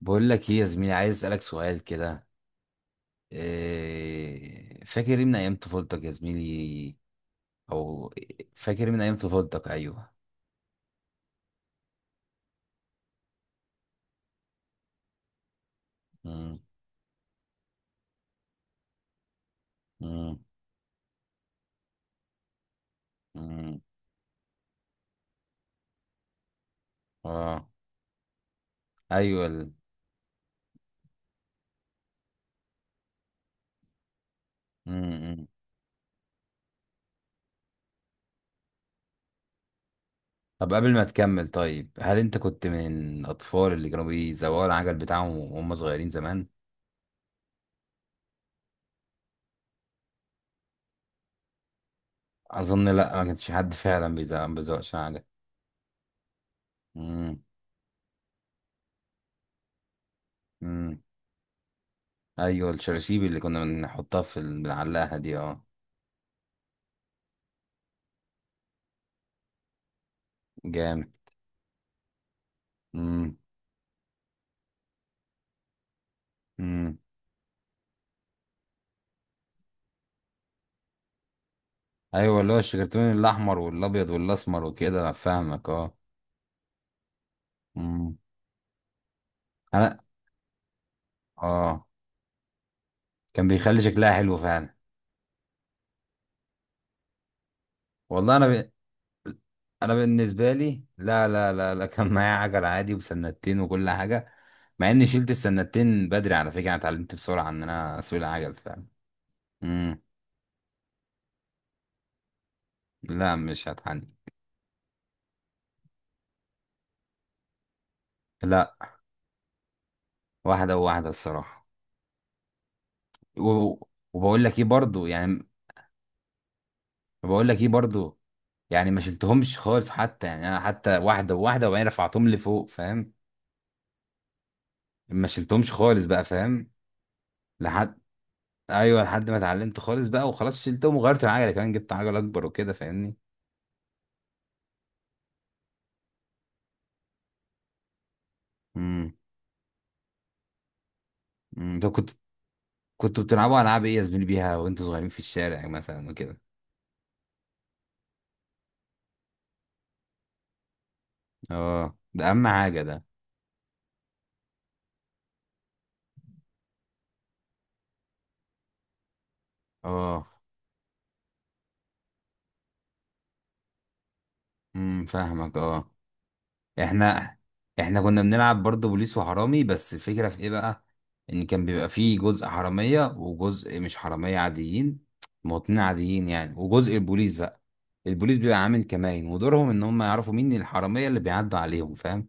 بقول لك ايه يا زميلي، عايز اسالك سؤال كده. إيه فاكر إيه من ايام طفولتك يا زميلي؟ او، فاكر إيه من ايام طفولتك؟ ايوه. مم. مم. مم. اه. ايوه مم. مم. طب قبل ما تكمل، طيب هل انت كنت من الاطفال اللي كانوا بيزوقوا العجل بتاعهم وهم صغيرين زمان؟ اظن لا، ما كانش حد فعلا بيزوقش العجل. مم. مم. ايوه، الشراشيب اللي كنا بنحطها بنعلقها دي، اه. جامد. مم. مم. ايوه، اللي هو الشجرتين الاحمر والابيض والاسمر وكده، انا فاهمك، اه. امم. انا، اه، كان بيخلي شكلها حلو فعلا. والله انا ب... انا بالنسبه لي، لا لا لا لا، كان معايا عجل عادي وسنتين وكل حاجه. مع اني شلت السنتين بدري على فكره، انا اتعلمت بسرعه ان انا اسوق العجل فعلا. امم. لا، مش هتحني. لا، واحده وواحده الصراحه. و... وبقول لك ايه برضو يعني بقول لك ايه برضو، يعني ما شلتهمش خالص حتى، يعني انا حتى واحده وواحده وبعدين رفعتهم لفوق، فاهم. ما شلتهمش خالص بقى، فاهم. لحد، ايوه، لحد ما اتعلمت خالص بقى وخلاص شلتهم، وغيرت العجله كمان، جبت عجله اكبر وكده فاهمني. امم. أمم. طب كنت كنتوا بتلعبوا العاب ايه يا زميلي بيها وانتوا صغيرين في الشارع مثلا وكده؟ اه، ده اهم حاجه ده. اه. امم، فاهمك، اه. احنا احنا كنا بنلعب برضه بوليس وحرامي، بس الفكرة في ايه بقى؟ ان كان بيبقى فيه جزء حرامية وجزء مش حرامية عاديين، مواطنين عاديين يعني، وجزء البوليس بقى. البوليس بيبقى عامل كمائن، ودورهم ان هم يعرفوا مين الحرامية اللي بيعدوا عليهم، فاهم.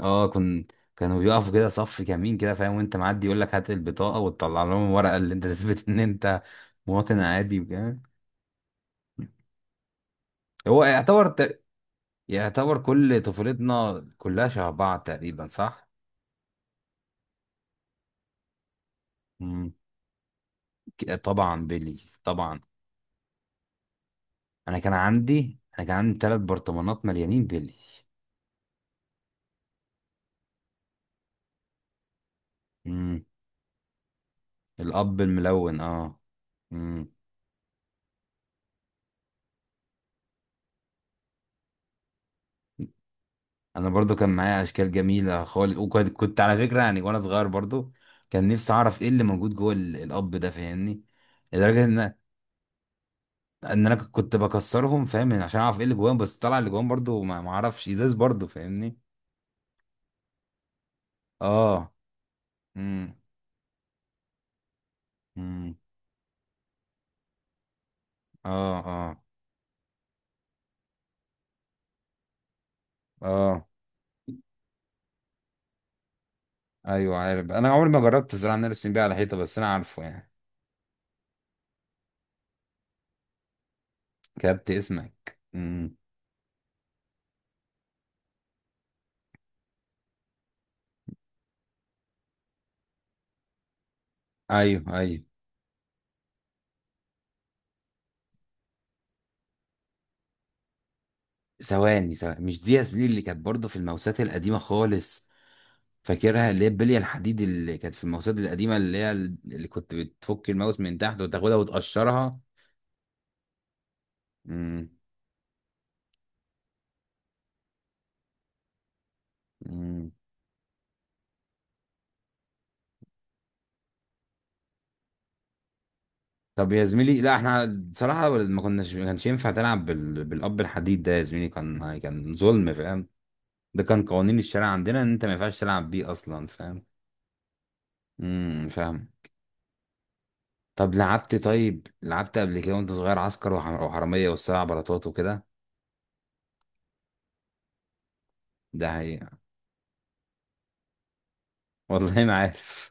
اه، كانوا بيقفوا كده صف كمين كده، فاهم، وانت معدي يقول لك هات البطاقة، وتطلع لهم الورقة اللي انت تثبت ان انت مواطن عادي وكده. هو يعتبر يعتبر كل طفولتنا كلها شبه بعض تقريبا، صح؟ طبعا بيلي، طبعا. انا كان عندي ثلاث برطمانات مليانين بيلي. امم. الاب الملون، اه. امم. انا برضو كان معايا اشكال جميله خالص، وكنت على فكره يعني، وانا صغير برضو كان نفسي اعرف ايه اللي موجود جوه الاب ده، فاهمني. لدرجه ان، ان انا كنت بكسرهم، فاهم، يعني عشان اعرف ايه اللي جواهم، بس طلع اللي جواهم برضو ما اعرفش، ازاز برضو، فاهمني. اه. امم. امم. اه. اه. اه. ايوه عارف، انا عمري ما جربت الزراعه ان انا ارسم بيها على حيطه، بس انا عارفه يعني. كتبت اسمك، امم. ايوه، ايوه. ثواني مش دي ياسمين اللي كانت برضه في الموسات القديمه خالص؟ فاكرها اللي هي البليه الحديد اللي كانت في الموسات القديمه، اللي كنت بتفك الماوس من تحت وتاخدها وتقشرها. امم. امم. طب يا زميلي، لا احنا بصراحه ما كانش ينفع تلعب بالاب الحديد ده يا زميلي، كان ظلم، فاهم. ده كان قوانين الشارع عندنا ان انت ما ينفعش تلعب بيه اصلا، فاهم. امم، فاهم. طب لعبت طيب لعبت قبل كده وانت صغير عسكر وحرامية والسبع بلاطات وكده؟ ده هي. والله ما عارف.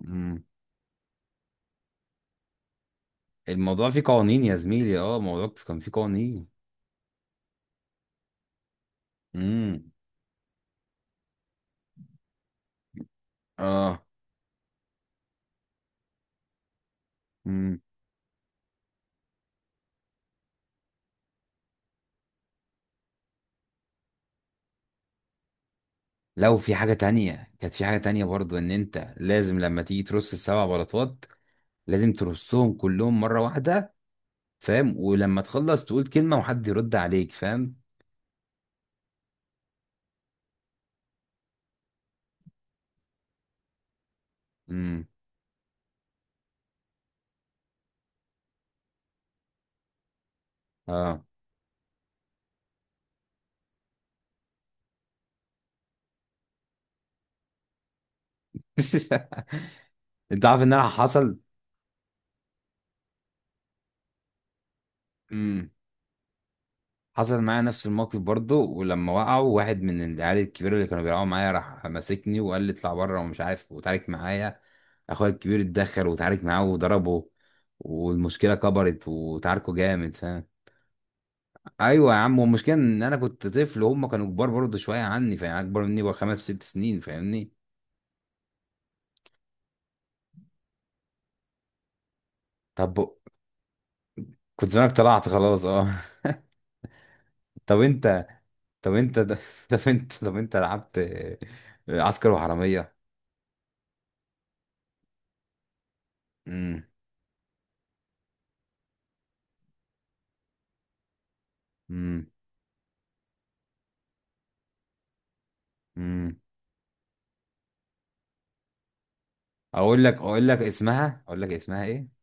مم. الموضوع فيه قوانين يا زميلي، اه، الموضوع كان فيه قوانين. امم. اه. امم. لو في حاجة تانية كانت في حاجة تانية برضو، ان انت لازم لما تيجي ترص السبع بلاطات لازم ترصهم كلهم مرة واحدة، فاهم، ولما تخلص تقول كلمة وحد يرد عليك، فاهم. امم. اه. انت عارف ان انا حصل حصل معايا نفس الموقف برضه، ولما وقعوا واحد من العيال الكبيرة اللي كانوا بيلعبوا معايا راح ماسكني وقال لي اطلع بره ومش عارف، وتعارك معايا. اخويا الكبير اتدخل وتعارك معاه وضربه، والمشكلة كبرت وتعاركوا جامد، فاهم. ايوه يا عم، والمشكلة ان انا كنت طفل وهم كانوا كبار برضه شوية عني، فاهم، يعني اكبر مني بخمس ست سنين، فاهمني. طب كنت زمانك طلعت خلاص، اه. طب انت طب انت طب انت لعبت عسكر وحرامية. امم. امم. اقول لك اقول لك اسمها اقول لك اسمها ايه؟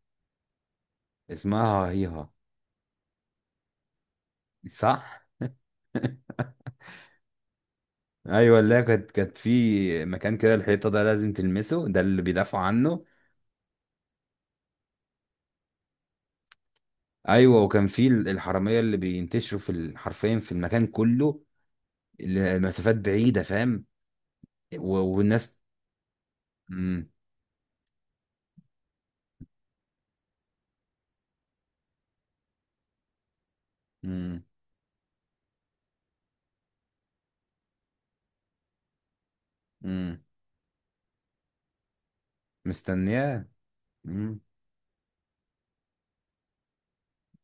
اسمها هيها. صح. ايوه، اللي هي كانت في مكان كده، الحيطه ده لازم تلمسه، ده اللي بيدافعوا عنه. ايوه، وكان في الحراميه اللي بينتشروا حرفيا في المكان كله، المسافات بعيده فاهم، والناس. امم. امم. امم. مستنياه. امم.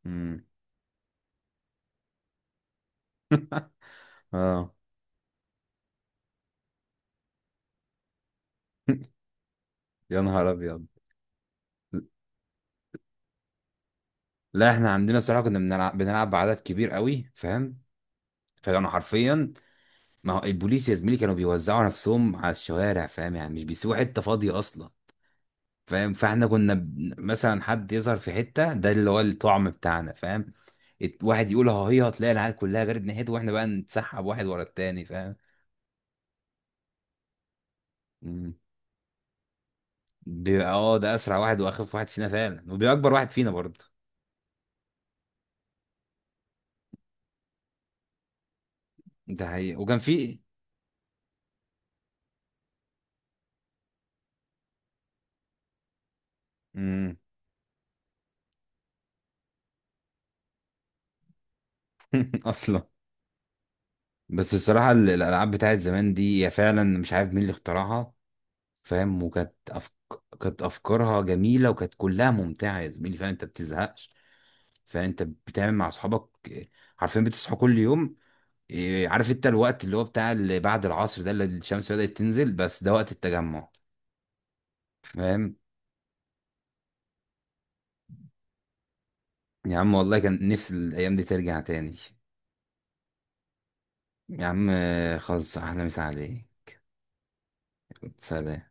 امم. اه. يا نهار ابيض. لا احنا عندنا الصراحه كنا بنلعب بعدد كبير قوي، فاهم، فكانوا حرفيا. ما هو البوليس يا زميلي كانوا بيوزعوا نفسهم على الشوارع، فاهم، يعني مش بيسيبوا حته فاضيه اصلا، فاهم. فاحنا كنا مثلا حد يظهر في حته، ده اللي هو الطعم بتاعنا، فاهم، واحد يقول ها، هي هتلاقي العيال كلها جرت ناحيته واحنا بقى نتسحب واحد ورا التاني، فاهم. مم. بيبقى اه، ده اسرع واحد واخف واحد فينا فعلا، وبيبقى اكبر واحد فينا برضه. ده حقيقة، وكان في. مم. اصلا. بس الصراحه الالعاب بتاعت زمان دي هي فعلا مش عارف مين اللي اخترعها، فاهم، كانت افكارها جميله وكانت كلها ممتعه يا زميلي، فاهم، انت بتزهقش. فانت بتعمل مع اصحابك إيه، عارفين بتصحوا كل يوم إيه، عارف انت الوقت اللي هو بتاع اللي بعد العصر ده اللي الشمس بدأت تنزل، بس ده وقت التجمع، فاهم. يا عم والله كان نفسي الايام دي ترجع تاني يا عم، آه، خلص احلى مسا عليك. سلام.